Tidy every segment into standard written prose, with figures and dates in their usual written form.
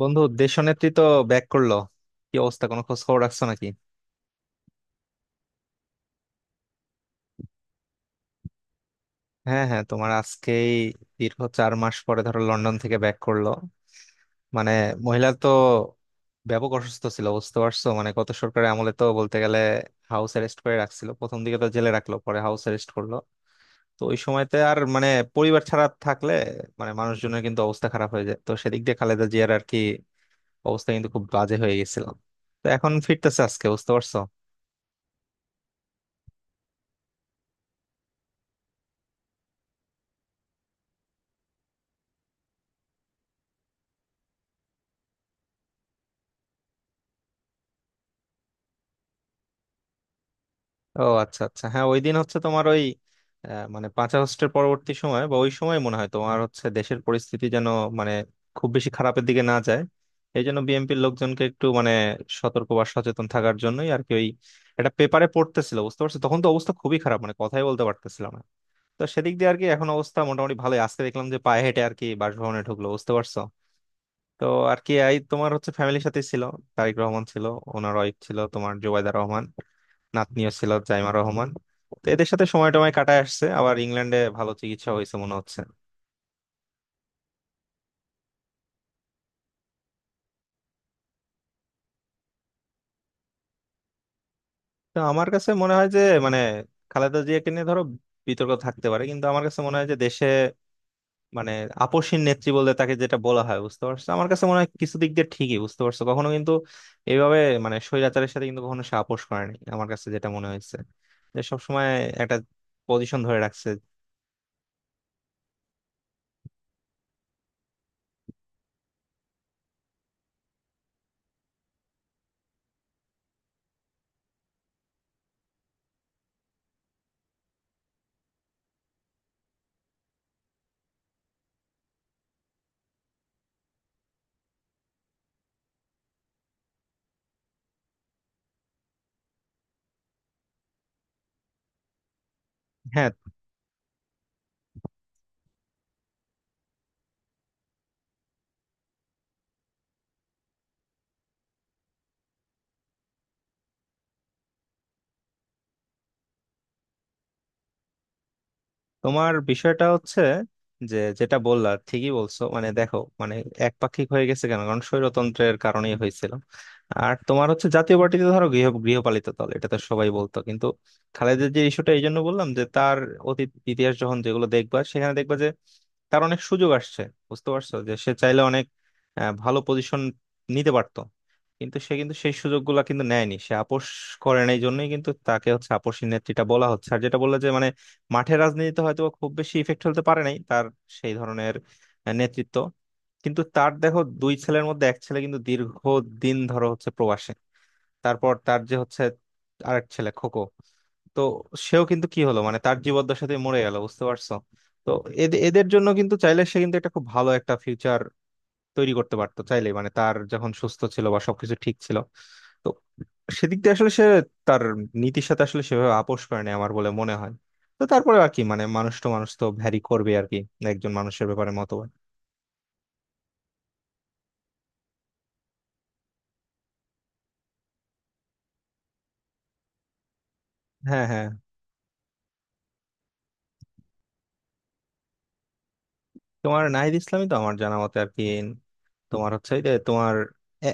বন্ধু, দেশনেত্রী তো ব্যাক করলো। কি অবস্থা, কোনো খোঁজ খবর রাখছো নাকি? হ্যাঁ, হ্যাঁ, তোমার আজকেই দীর্ঘ 4 মাস পরে ধরো লন্ডন থেকে ব্যাক করলো। মানে মহিলা তো ব্যাপক অসুস্থ ছিল, বুঝতে পারছো? মানে গত সরকারের আমলে তো বলতে গেলে হাউস অ্যারেস্ট করে রাখছিল, প্রথম দিকে তো জেলে রাখলো, পরে হাউস অ্যারেস্ট করলো। তো ওই সময়তে আর মানে পরিবার ছাড়া থাকলে মানে মানুষজনের কিন্তু অবস্থা খারাপ হয়ে যায়। তো সেদিক দিয়ে খালেদা জিয়ার আর কি অবস্থা কিন্তু খুব বাজে হয়ে গেছিল। তো এখন ফিরতেছে আজকে, বুঝতে পারছো? ও আচ্ছা, আচ্ছা, হ্যাঁ, ওই দিন হচ্ছে তোমার ওই মানে 5 আগস্টের পরবর্তী সময় বা ওই সময় মনে হয় তোমার হচ্ছে দেশের পরিস্থিতি যেন মানে খুব বেশি খারাপের দিকে না যায়, এই জন্য বিএনপির লোকজনকে একটু মানে সতর্ক বা সচেতন থাকার জন্যই আর কি। ওই একটা পেপারে পড়তেছিল, বুঝতে পারছো, তখন তো অবস্থা খুবই খারাপ, মানে কথাই বলতে পারতেছিলাম না। তো সেদিক দিয়ে আর কি এখন অবস্থা মোটামুটি ভালোই, আজকে দেখলাম যে পায়ে হেঁটে আর কি বাসভবনে ঢুকলো, বুঝতে পারছো? তো আর কি এই তোমার হচ্ছে ফ্যামিলির সাথে ছিল, তারেক রহমান ছিল, ওনার ওয়াইফ ছিল তোমার জোবাইদা রহমান, নাতনিও ছিল জাইমা রহমান। তো এদের সাথে সময় টময় কাটায় আসছে, আবার ইংল্যান্ডে ভালো চিকিৎসা হয়েছে মনে হচ্ছে। তো আমার কাছে মনে হয় যে মানে খালেদা জিয়াকে নিয়ে ধরো বিতর্ক থাকতে পারে, কিন্তু আমার কাছে মনে হয় যে দেশে মানে আপোষহীন নেত্রী বলতে তাকে যেটা বলা হয়, বুঝতে পারছো, আমার কাছে মনে হয় কিছু দিক দিয়ে ঠিকই, বুঝতে পারছো, কখনো কিন্তু এইভাবে মানে স্বৈরাচারের সাথে কিন্তু কখনো সে আপোষ করেনি, আমার কাছে যেটা মনে হয়েছে, যে সবসময় একটা পজিশন ধরে রাখছে। হ্যাঁ। তোমার বিষয়টা হচ্ছে যে, যেটা বললা ঠিকই বলছো, মানে দেখো মানে একপাক্ষিক হয়ে গেছে কেন? কারণ স্বৈরতন্ত্রের কারণেই হয়েছিল। আর তোমার হচ্ছে জাতীয় পার্টিতে ধরো গৃহ গৃহপালিত দল, এটা তো সবাই বলতো। কিন্তু খালেদের যে ইস্যুটা, এই জন্য বললাম যে তার অতীত ইতিহাস যখন যেগুলো দেখবা, সেখানে দেখবা যে তার অনেক সুযোগ আসছে, বুঝতে পারছো, যে সে চাইলে অনেক ভালো পজিশন নিতে পারতো, কিন্তু সে কিন্তু সেই সুযোগগুলো কিন্তু নেয়নি। সে আপোষ করে নাই জন্যই কিন্তু তাকে হচ্ছে আপোষী নেত্রীটা বলা হচ্ছে। আর যেটা বললে যে মানে মাঠের রাজনীতিতে হয়তো বা খুব বেশি ইফেক্ট ফেলতে পারে নাই, তার সেই ধরনের নেতৃত্ব। কিন্তু তার দেখো দুই ছেলের মধ্যে এক ছেলে কিন্তু দীর্ঘ দিন ধরো হচ্ছে প্রবাসে, তারপর তার যে হচ্ছে আরেক ছেলে খোকো, তো সেও কিন্তু কি হলো মানে তার জীবদ্দশাতে মরে গেল, বুঝতে পারছো? তো এদের জন্য কিন্তু চাইলে সে কিন্তু একটা খুব ভালো একটা ফিউচার তৈরি করতে পারতো চাইলে, মানে তার যখন সুস্থ ছিল বা সবকিছু ঠিক ছিল। সেদিক দিয়ে আসলে সে তার নীতির সাথে আসলে সেভাবে আপোষ করে না আমার বলে মনে হয়। তো তারপরে আর কি মানে মানুষ তো, মানুষ তো ভ্যারি করবে আর কি একজন মানুষের ব্যাপারে মতবাদ। হ্যাঁ, হ্যাঁ, তোমার নাহিদ ইসলামই তো আমার জানা মতে আর কি। তোমার হচ্ছে এই যে তোমার এ,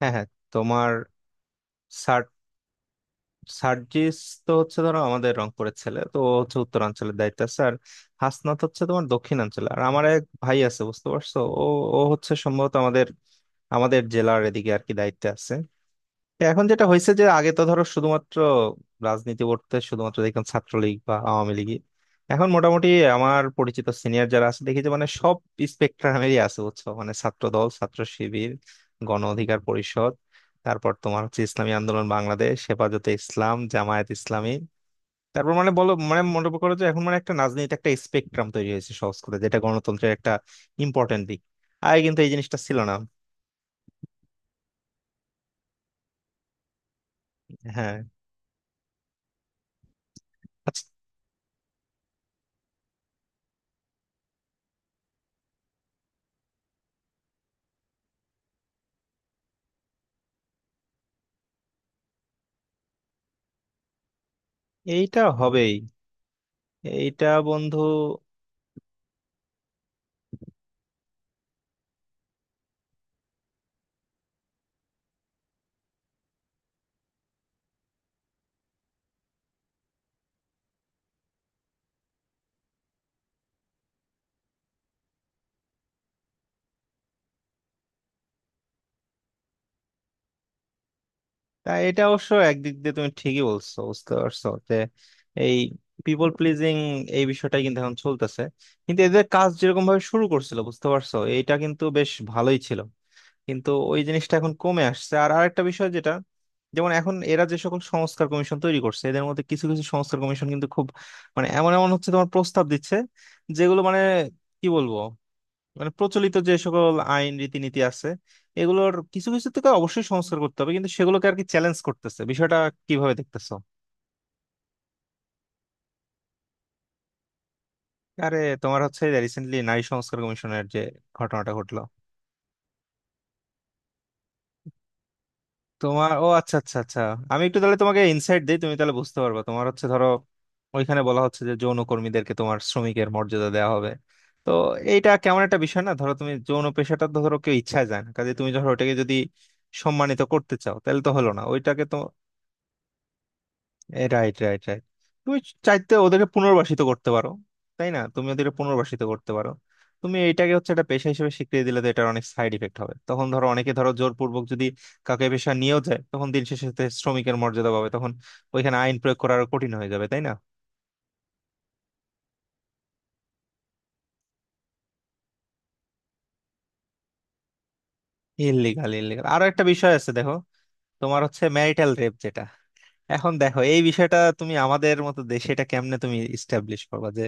হ্যাঁ, হ্যাঁ, তোমার সার সার্জিস তো হচ্ছে ধরো আমাদের রংপুরের ছেলে, তো ও হচ্ছে উত্তরাঞ্চলের দায়িত্ব আছে। আর হাসনাত হচ্ছে তোমার দক্ষিণাঞ্চলে, আর আমার এক ভাই আছে, বুঝতে পারছো, ও ও হচ্ছে সম্ভবত আমাদের আমাদের জেলার এদিকে আর কি দায়িত্বে আছে। এখন যেটা হয়েছে যে আগে তো ধরো শুধুমাত্র রাজনীতি করতে শুধুমাত্র দেখতাম ছাত্রলীগ বা আওয়ামী লীগ, এখন মোটামুটি আমার পরিচিত সিনিয়র যারা আছে দেখি যে মানে সব স্পেকট্রামেরই আছে, বুঝছো, মানে ছাত্র দল, ছাত্র শিবির, গণ অধিকার পরিষদ, তারপর তোমার হচ্ছে ইসলামী আন্দোলন বাংলাদেশ, হেফাজতে ইসলাম, জামায়াত ইসলামী। তারপর মানে বলো, মানে মনে করো যে এখন মানে একটা রাজনীতি একটা স্পেকট্রাম তৈরি হয়েছে, সহজ করে, যেটা গণতন্ত্রের একটা ইম্পর্টেন্ট দিক। আগে কিন্তু এই জিনিসটা ছিল না। হ্যাঁ। আচ্ছা। এইটা হবেই। এইটা বন্ধু তা এটা অবশ্য একদিক দিয়ে তুমি ঠিকই বলছো, বুঝতে পারছো, যে এই পিপল প্লিজিং এই বিষয়টাই কিন্তু এখন চলতেছে। কিন্তু এদের কাজ যেরকম ভাবে শুরু করছিল, বুঝতে পারছো, এইটা কিন্তু বেশ ভালোই ছিল, কিন্তু ওই জিনিসটা এখন কমে আসছে। আর আরেকটা বিষয় যেটা, যেমন এখন এরা যে সকল সংস্কার কমিশন তৈরি করছে, এদের মধ্যে কিছু কিছু সংস্কার কমিশন কিন্তু খুব মানে এমন এমন হচ্ছে তোমার প্রস্তাব দিচ্ছে, যেগুলো মানে কি বলবো, মানে প্রচলিত যে সকল আইন রীতিনীতি আছে এগুলোর কিছু কিছু থেকে অবশ্যই সংস্কার করতে হবে, কিন্তু সেগুলোকে আর কি চ্যালেঞ্জ করতেছে। বিষয়টা কিভাবে দেখতেছো? আরে তোমার হচ্ছে রিসেন্টলি নারী সংস্কার কমিশনের যে ঘটনাটা ঘটলো। তোমার ও আচ্ছা, আচ্ছা, আচ্ছা, আমি একটু তাহলে তোমাকে ইনসাইট দিই, তুমি তাহলে বুঝতে পারবা। তোমার হচ্ছে ধরো ওইখানে বলা হচ্ছে যে যৌন কর্মীদেরকে তোমার শ্রমিকের মর্যাদা দেওয়া হবে। তো এইটা কেমন একটা বিষয় না? ধরো তুমি যৌন পেশাটা তো ধরো কেউ ইচ্ছায় যায় না কাজে, তুমি ধরো ওটাকে যদি সম্মানিত করতে চাও তাহলে তো হলো না, ওইটাকে তো। Right, right, right. তুমি চাইতে ওদেরকে পুনর্বাসিত করতে পারো, তাই না? তুমি ওদেরকে পুনর্বাসিত করতে পারো। তুমি এটাকে হচ্ছে একটা পেশা হিসেবে স্বীকৃতি দিলে তো এটার অনেক সাইড ইফেক্ট হবে। তখন ধরো অনেকে ধরো জোরপূর্বক যদি কাউকে এ পেশা নিয়েও যায়, তখন দিন শেষে সে শ্রমিকের মর্যাদা পাবে। তখন ওইখানে আইন প্রয়োগ করা আরো কঠিন হয়ে যাবে, তাই না? Illegal, illegal. আরো একটা বিষয় আছে, দেখো, তোমার হচ্ছে ম্যারিটাল রেপ যেটা, এখন দেখো এই বিষয়টা তুমি আমাদের মতো দেশে এটা কেমনে তুমি ইস্টাবলিশ করবা যে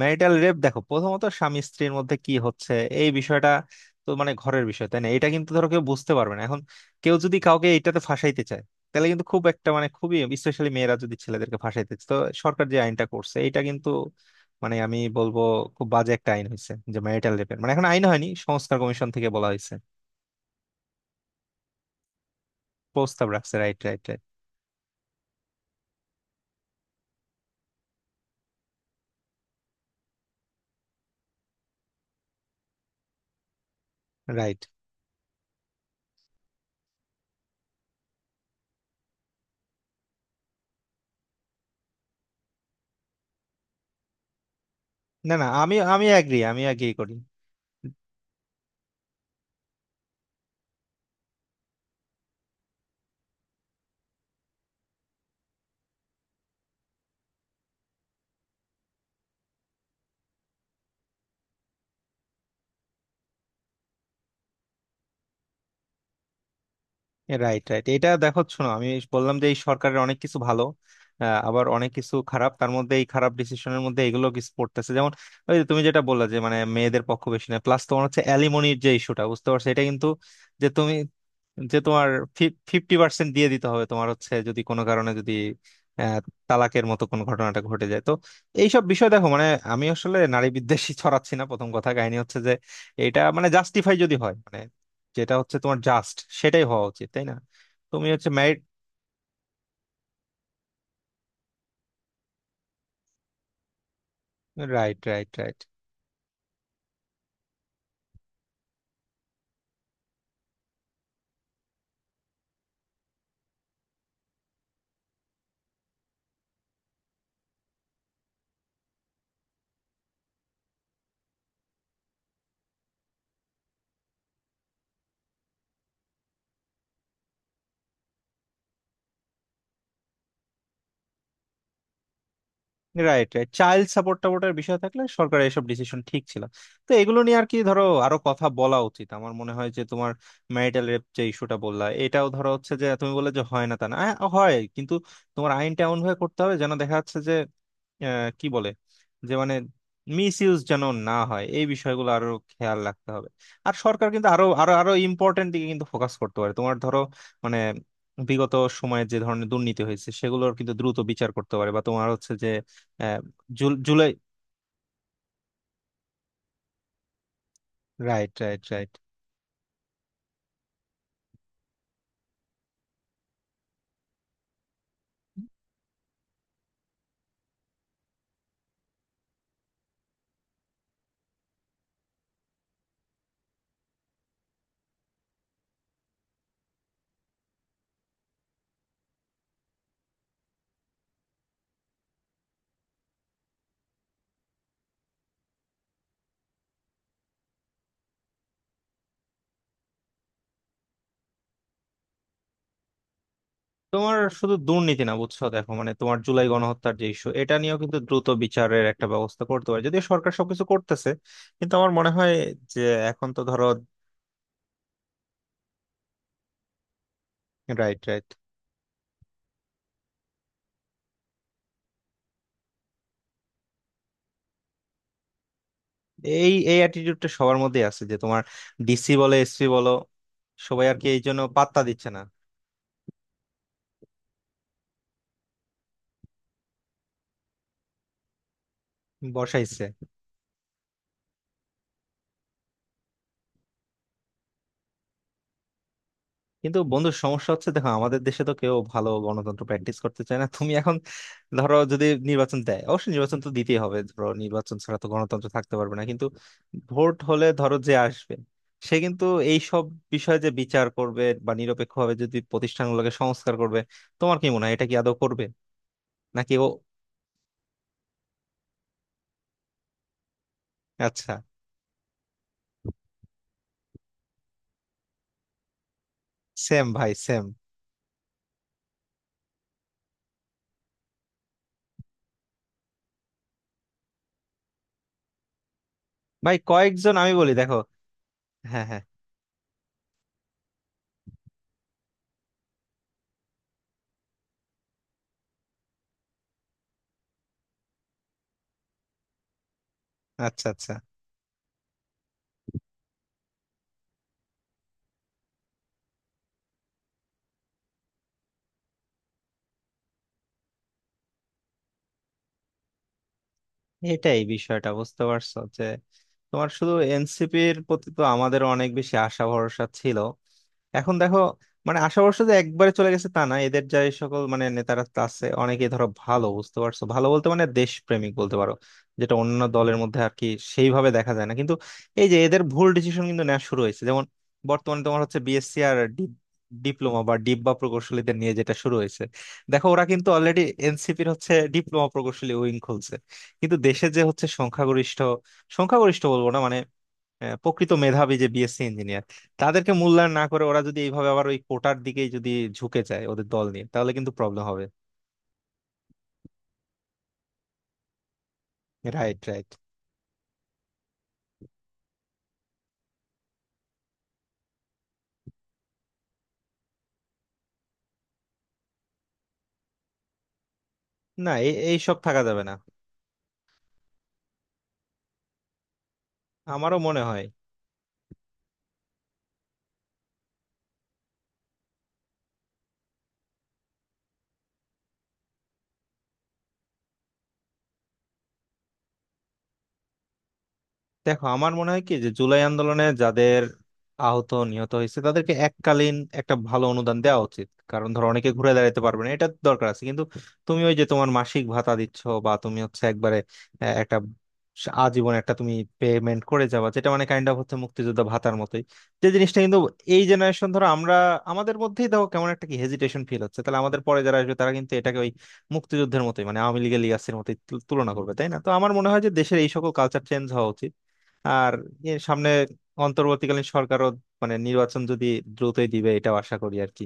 ম্যারিটাল রেপ? দেখো, প্রথমত স্বামী স্ত্রীর মধ্যে কি হচ্ছে এই বিষয়টা, তো মানে ঘরের বিষয়, তাই না? এটা কিন্তু ধরো কেউ বুঝতে পারবে না। এখন কেউ যদি কাউকে এটাতে ফাঁসাইতে চায়, তাহলে কিন্তু খুব একটা মানে খুবই, স্পেশালি মেয়েরা যদি ছেলেদেরকে ফাঁসাইতে চায়, তো সরকার যে আইনটা করছে এটা কিন্তু মানে আমি বলবো খুব বাজে একটা আইন হয়েছে, যে ম্যারিটাল রেপের, মানে এখন আইন হয়নি, সংস্কার কমিশন থেকে বলা হয়েছে প্রস্তাব রাখছে। Right, right, right, right. না, না, আমি আমি অ্যাগ্রি, আমি অ্যাগ্রি করি। Right, right. এটা দেখো, শোনো, আমি বললাম যে এই সরকারের অনেক কিছু ভালো, আবার অনেক কিছু খারাপ, তার মধ্যে এই খারাপ ডিসিশনের মধ্যে এগুলো কিছু পড়তেছে। যেমন ওই যে তুমি যেটা বললা যে মানে মেয়েদের পক্ষ বেশি, না প্লাস তোমার হচ্ছে অ্যালিমনির যে ইস্যুটা, বুঝতে পারছো, এটা কিন্তু, যে তুমি, যে তোমার 50% দিয়ে দিতে হবে তোমার হচ্ছে যদি কোনো কারণে যদি আহ, তালাকের মতো কোনো ঘটনাটা ঘটে যায়, তো এইসব বিষয় দেখো, মানে আমি আসলে নারী বিদ্বেষী ছড়াচ্ছি না প্রথম কথা। কাহিনী হচ্ছে যে এটা মানে জাস্টিফাই যদি হয়, মানে যেটা হচ্ছে তোমার জাস্ট সেটাই হওয়া উচিত, তাই না? তুমি হচ্ছে married. Right, right, right. Right, right, child support টাপোর্টের বিষয় থাকলে সরকারের এসব ডিসিশন ঠিক ছিল। তো এগুলো নিয়ে আর কি ধরো আরো কথা বলা উচিত আমার মনে হয়। যে তোমার ম্যারিটাল রেপ যে ইস্যুটা বললা, এটাও ধরো হচ্ছে যে তুমি বললে যে হয় না তা না, হয়, কিন্তু তোমার আইনটা এমন ভাবে করতে হবে যেন, দেখা যাচ্ছে যে কি বলে, যে মানে মিস ইউজ যেন না হয়, এই বিষয়গুলো আরো খেয়াল রাখতে হবে। আর সরকার কিন্তু আরো আরো আরো ইম্পর্টেন্ট দিকে কিন্তু ফোকাস করতে পারে। তোমার ধরো মানে বিগত সময়ে যে ধরনের দুর্নীতি হয়েছে সেগুলোর কিন্তু দ্রুত বিচার করতে পারে, বা তোমার হচ্ছে যে আহ, জুলাই। Right, right, right. তোমার শুধু দুর্নীতি না, বুঝছো, দেখো মানে তোমার জুলাই গণহত্যার যে ইস্যু, এটা নিয়েও কিন্তু দ্রুত বিচারের একটা ব্যবস্থা করতে পারে, যদিও সরকার সবকিছু করতেছে কিন্তু আমার মনে হয় যে এখন তো ধরো। রাইট, রাইট, এই এই অ্যাটিটিউডটা সবার মধ্যেই আছে, যে তোমার ডিসি বলো, এসপি বলো, সবাই আর কি এই জন্য পাত্তা দিচ্ছে না। বসাইছে। কিন্তু বন্ধু সমস্যা হচ্ছে দেখো আমাদের দেশে তো কেউ ভালো গণতন্ত্র প্র্যাকটিস করতে চায় না। তুমি এখন ধরো যদি নির্বাচন দেয়, অবশ্যই নির্বাচন তো দিতেই হবে, ধরো নির্বাচন ছাড়া তো গণতন্ত্র থাকতে পারবে না, কিন্তু ভোট হলে ধরো যে আসবে, সে কিন্তু এই সব বিষয়ে যে বিচার করবে বা নিরপেক্ষভাবে যদি প্রতিষ্ঠানগুলোকে সংস্কার করবে, তোমার কি মনে হয় এটা কি আদৌ করবে নাকি? ও আচ্ছা। সেম, ভাই, সেম। ভাই কয়েকজন আমি বলি, দেখো। হ্যাঁ, হ্যাঁ। আচ্ছা, আচ্ছা। এটাই বিষয়টা, বুঝতে পারছো, যে তোমার শুধু এনসিপির প্রতি তো আমাদের অনেক বেশি আশা ভরসা ছিল। এখন দেখো মানে আশাবর্ষ যে একবারে চলে গেছে তা না, এদের যে সকল মানে নেতারা তা আছে অনেকে ধরো ভালো, বুঝতে পারছো, ভালো বলতে মানে দেশপ্রেমিক বলতে পারো, যেটা অন্য দলের মধ্যে আর কি সেইভাবে দেখা যায় না। কিন্তু এই যে এদের ভুল ডিসিশন কিন্তু নেওয়া শুরু হয়েছে, যেমন বর্তমানে তোমার হচ্ছে বিএসসি আর ডিপ্লোমা বা ডিব্বা প্রকৌশলীদের নিয়ে যেটা শুরু হয়েছে। দেখো ওরা কিন্তু অলরেডি এনসিপির হচ্ছে ডিপ্লোমা প্রকৌশলী উইং খুলছে, কিন্তু দেশে যে হচ্ছে সংখ্যাগরিষ্ঠ, সংখ্যাগরিষ্ঠ বলবো না মানে প্রকৃত মেধাবী যে বিএসসি ইঞ্জিনিয়ার তাদেরকে মূল্যায়ন না করে ওরা যদি এইভাবে আবার ওই কোটার দিকেই যদি ঝুঁকে যায় ওদের দল নিয়ে, তাহলে কিন্তু প্রবলেম হবে। Right, right. না, এই সব থাকা যাবে না। আমারও মনে হয়। দেখো আমার মনে হয় কি, যে জুলাই আন্দোলনে যাদের আহত নিহত হয়েছে তাদেরকে এককালীন একটা ভালো অনুদান দেওয়া উচিত, কারণ ধরো অনেকে ঘুরে দাঁড়াতে পারবে না, এটা দরকার আছে। কিন্তু তুমি ওই যে তোমার মাসিক ভাতা দিচ্ছ বা তুমি হচ্ছে একবারে একটা আজীবন একটা তুমি পেমেন্ট করে যাবা, যেটা মানে কাইন্ড অফ হচ্ছে মুক্তিযোদ্ধা ভাতার মতোই, যে জিনিসটা কিন্তু এই জেনারেশন ধরো আমরা, আমাদের মধ্যেই দেখো কেমন একটা কি হেজিটেশন ফিল হচ্ছে, তাহলে আমাদের পরে যারা আসবে তারা কিন্তু এটাকে ওই মুক্তিযুদ্ধের মতোই মানে আওয়ামী লীগের লিগ্যাসির মতোই তুলনা করবে, তাই না? তো আমার মনে হয় যে দেশের এই সকল কালচার চেঞ্জ হওয়া উচিত। আর এর সামনে অন্তর্বর্তীকালীন সরকারও মানে নির্বাচন যদি দ্রুতই দিবে এটাও আশা করি আর কি।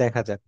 দেখা যাক।